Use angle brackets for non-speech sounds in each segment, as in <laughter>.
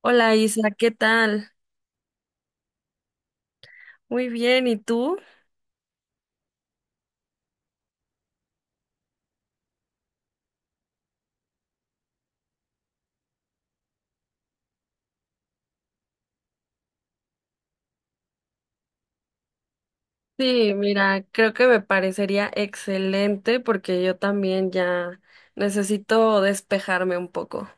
Hola Isa, ¿qué tal? Muy bien, ¿y tú? Sí, mira, creo que me parecería excelente porque yo también ya necesito despejarme un poco.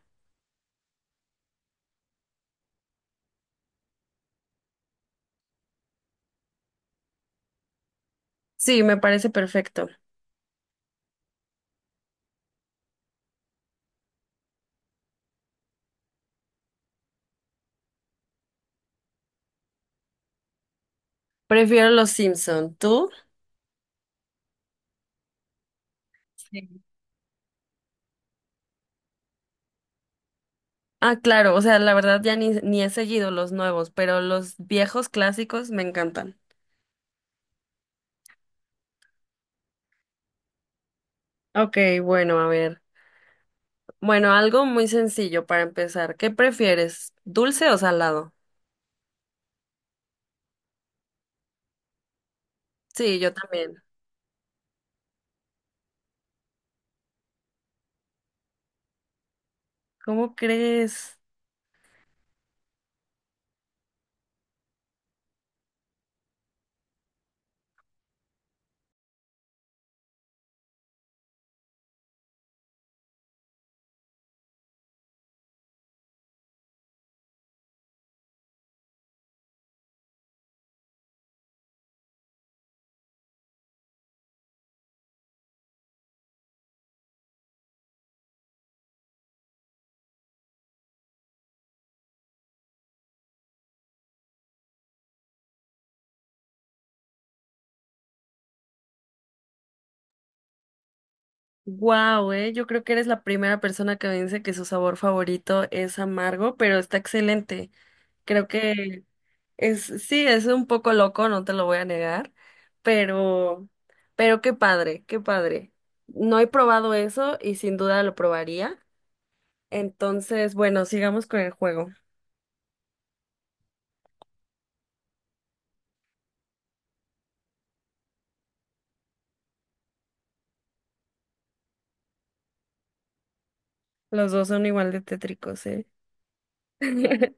Sí, me parece perfecto. Prefiero los Simpson, ¿tú? Sí. Ah, claro, o sea, la verdad ya ni he seguido los nuevos, pero los viejos clásicos me encantan. Ok, bueno, a ver. Bueno, algo muy sencillo para empezar. ¿Qué prefieres? ¿Dulce o salado? Sí, yo también. ¿Cómo crees? Wow, yo creo que eres la primera persona que me dice que su sabor favorito es amargo, pero está excelente. Creo que es, sí, es un poco loco, no te lo voy a negar, pero, pero qué padre, qué padre. No he probado eso y sin duda lo probaría. Entonces, bueno, sigamos con el juego. Los dos son igual de tétricos, ¿eh? <laughs>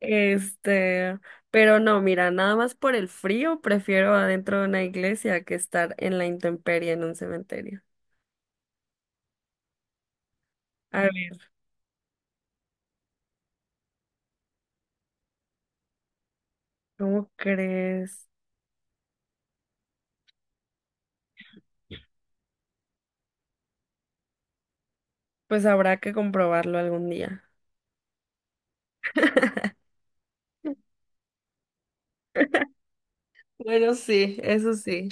Este, pero no, mira, nada más por el frío prefiero adentro de una iglesia que estar en la intemperie en un cementerio. A ver, ¿cómo crees? Pues habrá que comprobarlo algún día. Bueno, sí, eso sí.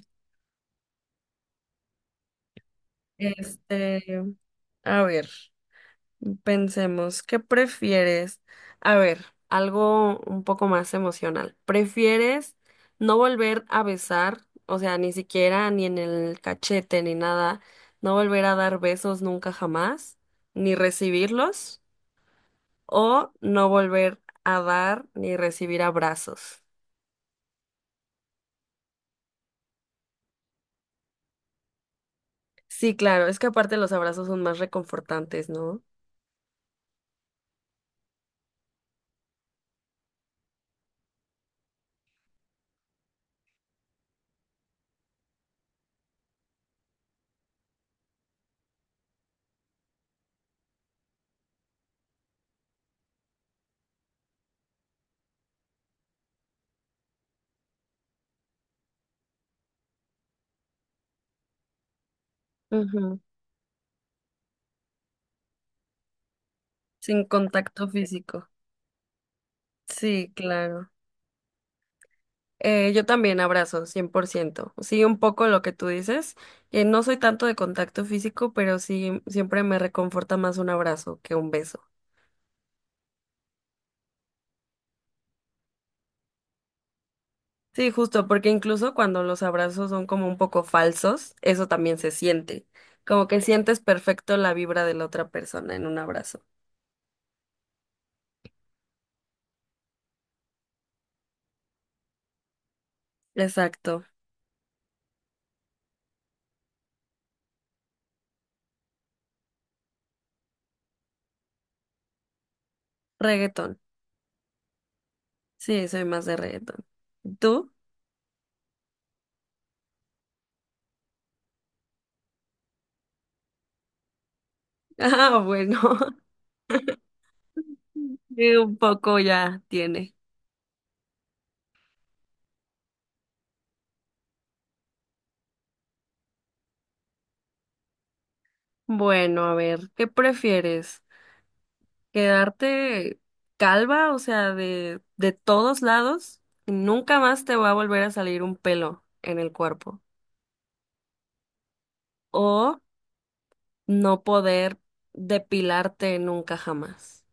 Este, a ver. Pensemos, ¿qué prefieres? A ver, algo un poco más emocional. ¿Prefieres no volver a besar, o sea, ni siquiera ni en el cachete ni nada, no volver a dar besos nunca jamás, ni recibirlos, o no volver a dar ni recibir abrazos? Sí, claro, es que aparte los abrazos son más reconfortantes, ¿no? Ujú. Sin contacto físico. Sí, claro. Yo también abrazo, 100%. Sí, un poco lo que tú dices, que no soy tanto de contacto físico, pero sí, siempre me reconforta más un abrazo que un beso. Sí, justo, porque incluso cuando los abrazos son como un poco falsos, eso también se siente, como que sientes perfecto la vibra de la otra persona en un abrazo. Exacto. Reggaetón. Sí, soy más de reggaetón. ¿Tú? <laughs> Ah, bueno, <laughs> sí, un poco ya tiene. Bueno, a ver, ¿qué prefieres? Quedarte calva, o sea, de todos lados, y nunca más te va a volver a salir un pelo en el cuerpo. O no poder depilarte nunca jamás.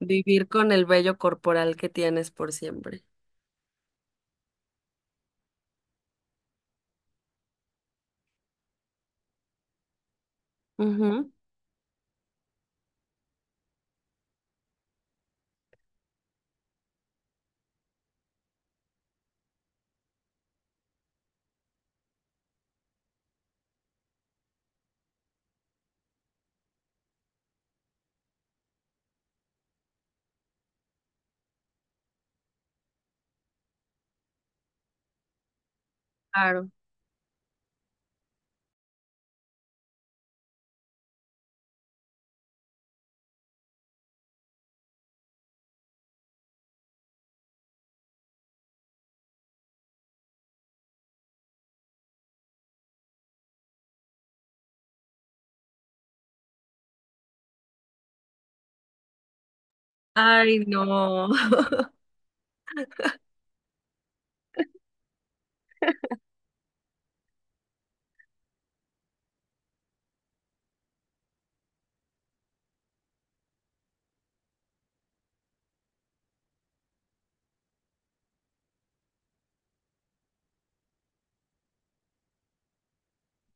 Vivir con el vello corporal que tienes por siempre. Ujú. Claro. Ay, no. <laughs>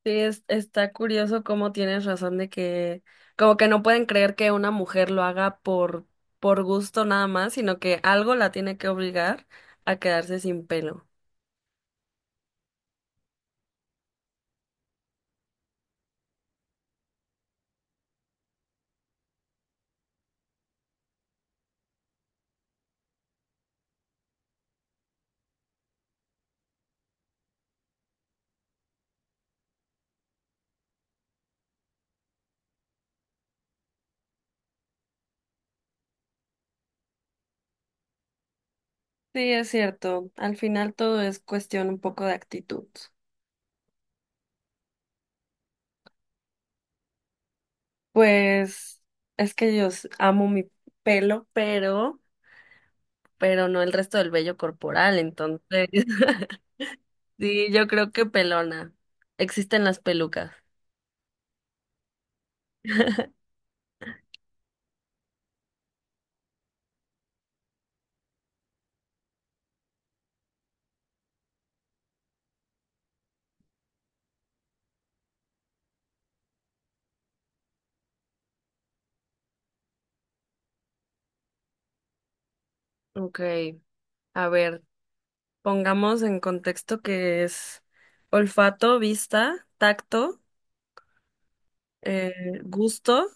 Sí, es- está curioso cómo tienes razón de que, como que no pueden creer que una mujer lo haga por gusto nada más, sino que algo la tiene que obligar a quedarse sin pelo. Sí, es cierto. Al final todo es cuestión un poco de actitud. Pues es que yo s- amo mi pelo, pero no el resto del vello corporal, entonces. <laughs> Sí, yo creo que pelona. Existen las pelucas. Ok, a ver. Pongamos en contexto que es olfato, vista, tacto, eh, gusto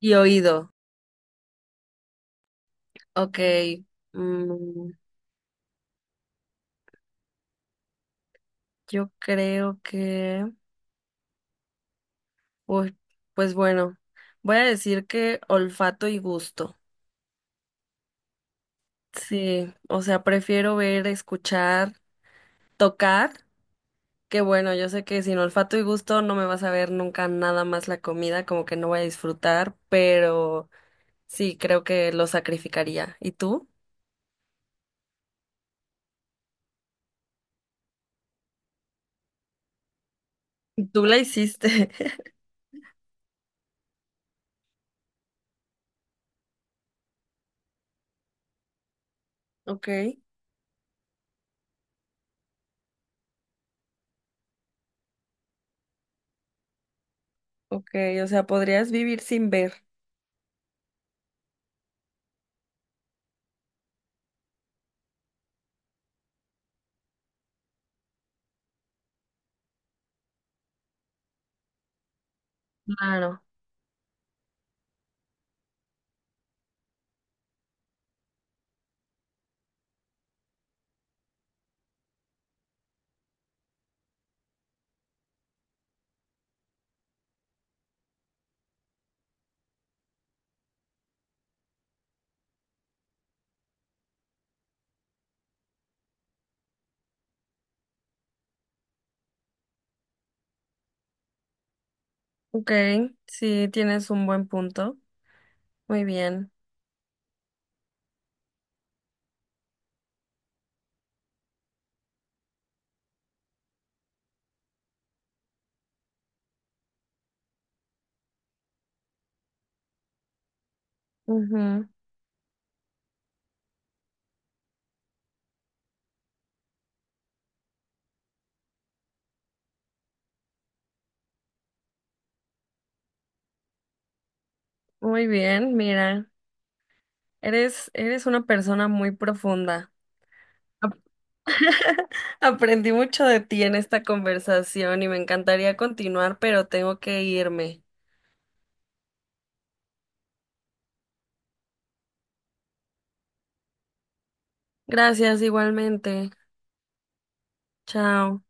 y oído. Ok, mm, yo creo que... Uy, pues bueno, voy a decir que olfato y gusto. Sí, o sea, prefiero ver, escuchar, tocar, que bueno, yo sé que sin olfato y gusto no me vas a ver nunca nada más la comida, como que no voy a disfrutar, pero sí, creo que lo sacrificaría. ¿Y tú? Tú la hiciste. <laughs> Ok, ok, o sea, podrías vivir sin ver. Claro. Ok, sí, tienes un buen punto. Muy bien. Ujú. Muy bien, mira, eres, eres una persona muy profunda. Ap- <laughs> Aprendí mucho de ti en esta conversación y me encantaría continuar, pero tengo que irme. Gracias igualmente. Chao.